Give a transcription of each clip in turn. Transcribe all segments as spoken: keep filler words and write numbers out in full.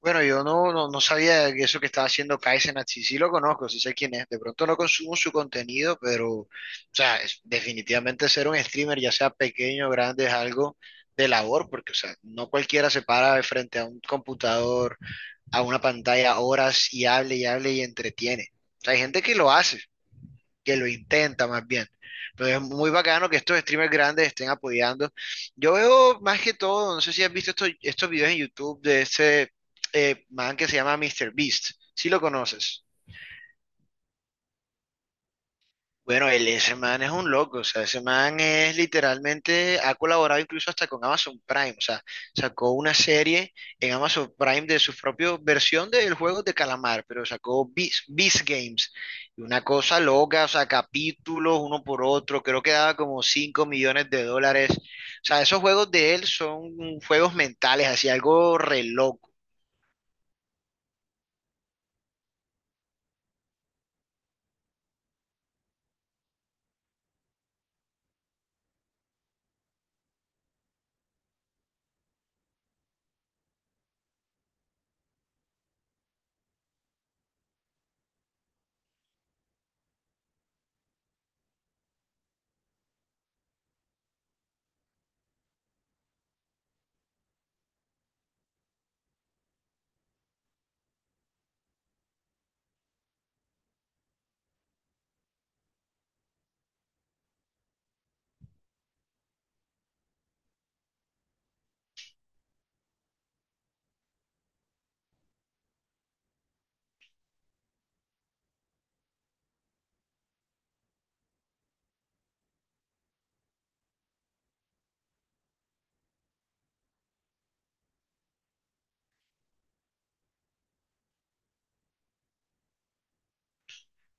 Bueno, yo no, no, no sabía que eso que estaba haciendo Kaizenat, sí, sí lo conozco, sí sé quién es. De pronto no consumo su contenido, pero, o sea, es- definitivamente ser un streamer, ya sea pequeño o grande, es algo de labor, porque, o sea, no cualquiera se para de frente a un computador, a una pantalla, horas y hable y hable y entretiene. O sea, hay gente que lo hace, que lo intenta más bien. Entonces es muy bacano que estos streamers grandes estén apoyando. Yo veo más que todo, no sé si has visto estos, estos videos en YouTube de ese eh, man que se llama Mister Beast. Si lo conoces. Bueno, el, ese man es un loco, o sea, ese man es literalmente, ha colaborado incluso hasta con Amazon Prime, o sea, sacó una serie en Amazon Prime de su propia versión del juego de calamar, pero sacó Beast, Beast Games, y una cosa loca, o sea, capítulos uno por otro, creo que daba como cinco millones de dólares, o sea, esos juegos de él son juegos mentales, así algo re loco.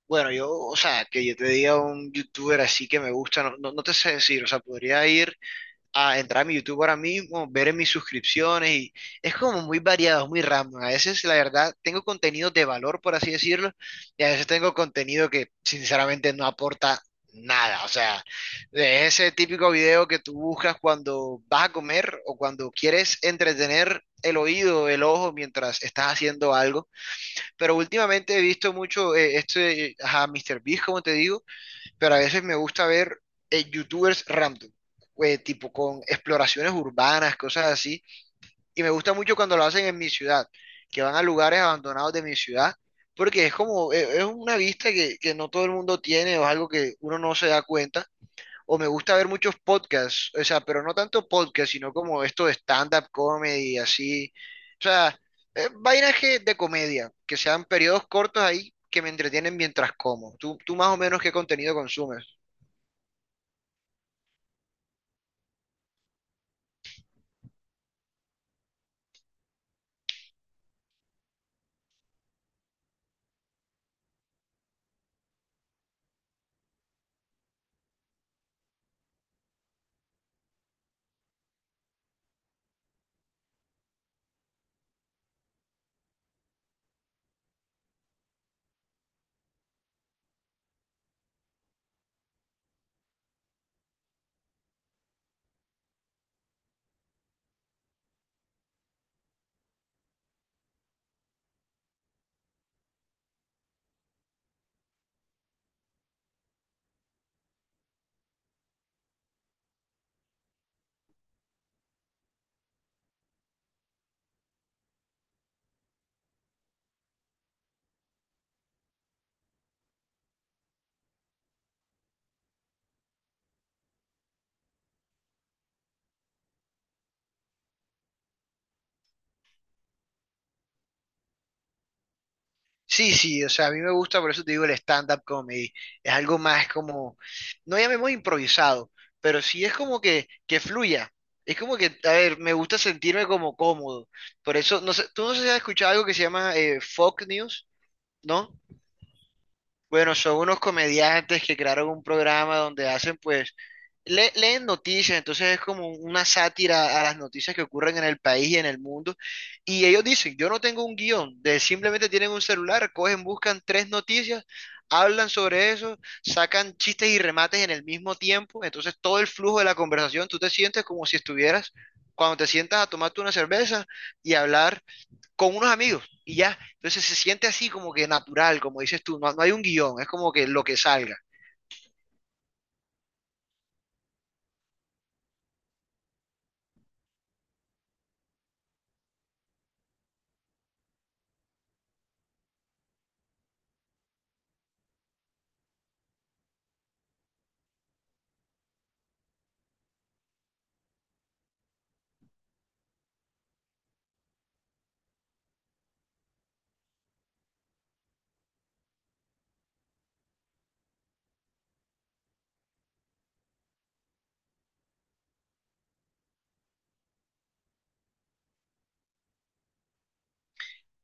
Bueno, yo, o sea, que yo te diga un youtuber así que me gusta, no, no, no te sé decir, o sea, podría ir a entrar a mi YouTube ahora mismo, ver en mis suscripciones y es como muy variado, muy random. A veces, la verdad, tengo contenido de valor, por así decirlo, y a veces tengo contenido que sinceramente no aporta nada. O sea, de ese típico video que tú buscas cuando vas a comer o cuando quieres entretener el oído, el ojo mientras estás haciendo algo. Pero últimamente he visto mucho eh, este, eh, ajá, mister Beast, como te digo. Pero a veces me gusta ver eh, youtubers random, eh, tipo con exploraciones urbanas, cosas así, y me gusta mucho cuando lo hacen en mi ciudad, que van a lugares abandonados de mi ciudad, porque es como, eh, es una vista que, que no todo el mundo tiene o es algo que uno no se da cuenta. O me gusta ver muchos podcasts, o sea, pero no tanto podcasts, sino como esto de stand-up comedy, así. O sea, eh, vainas que- de comedia, que sean periodos cortos ahí que me entretienen mientras como. ¿Tú, tú más o menos qué contenido consumes? Sí, sí, o sea, a mí me gusta, por eso te digo el stand-up comedy. Es algo más como, no llamemos improvisado, pero sí es como que, que fluya. Es como que, a ver, me gusta sentirme como cómodo. Por eso, no sé, tú no sé si has escuchado algo que se llama eh, folk news, ¿no? Bueno, son unos comediantes que crearon un programa donde hacen, pues, le- leen noticias, entonces es como una sátira a las noticias que ocurren en el país y en el mundo. Y ellos dicen, yo no tengo un guión, de simplemente tienen un celular, cogen, buscan tres noticias, hablan sobre eso, sacan chistes y remates en el mismo tiempo, entonces todo el flujo de la conversación, tú te sientes como si estuvieras, cuando te sientas a tomarte una cerveza y hablar con unos amigos y ya. Entonces se siente así como que natural, como dices tú, no, no hay un guión, es como que lo que salga.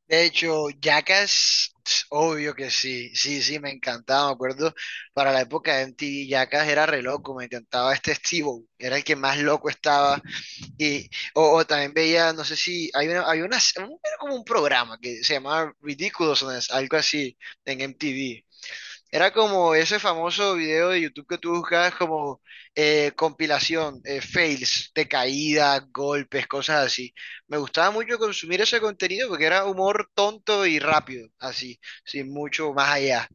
De hecho, Jackass, tss, obvio que sí, sí, sí, me encantaba, me acuerdo, para la época de M T V, Jackass era re loco, me encantaba este Steve, era el que más loco estaba, y, o, o también veía, no sé si, hay una, hay una, era como un programa que se llamaba Ridiculousness, algo así, en M T V. Era como ese famoso video de YouTube que tú buscas como eh, compilación, eh, fails de caída, golpes, cosas así. Me gustaba mucho consumir ese contenido porque era humor tonto y rápido, así, sin mucho más allá.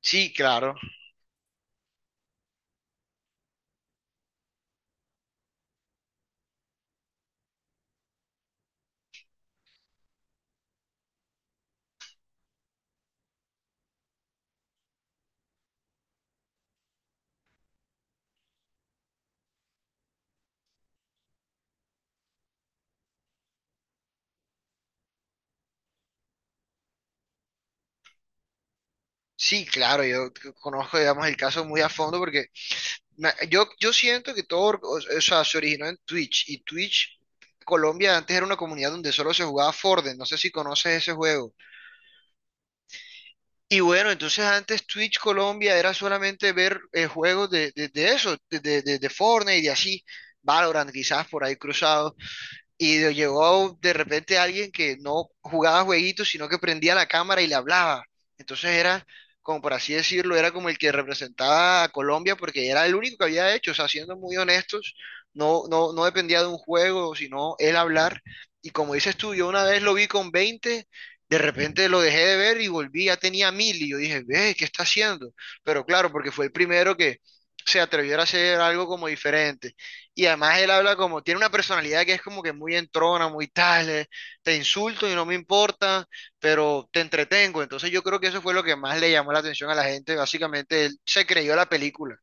Sí, claro, sí, claro, yo c- conozco, digamos, el caso muy a fondo porque me- yo, yo siento que todo, or- o o sea, se originó en Twitch y Twitch, Colombia antes era una comunidad donde solo se jugaba Fortnite, no sé si conoces ese juego. Y bueno, entonces antes Twitch Colombia era solamente ver eh, juegos de, de, de eso, de, de, de- de Fortnite y así, Valorant quizás por ahí cruzado, y de- llegó de repente alguien que no jugaba jueguitos, sino que prendía la cámara y le hablaba. Entonces era, como por así decirlo, era como el que representaba a Colombia porque era el único que había hecho. O sea, siendo muy honestos, no, no, no dependía de un juego, sino él hablar. Y como dices tú, yo una vez lo vi con veinte, de repente lo dejé de ver y volví, ya tenía mil. Y yo dije, ve, ¿qué está haciendo? Pero claro, porque fue el primero que se atrevió a hacer algo como diferente. Y además él habla como, tiene una personalidad que es como que muy entrona, muy tal, eh, te insulto y no me importa, pero te entretengo. Entonces yo creo que eso fue lo que más le llamó la atención a la gente. Básicamente él se creyó la película.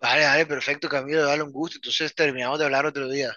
Vale, vale, perfecto, Camilo, dale un gusto. Entonces terminamos de hablar otro día.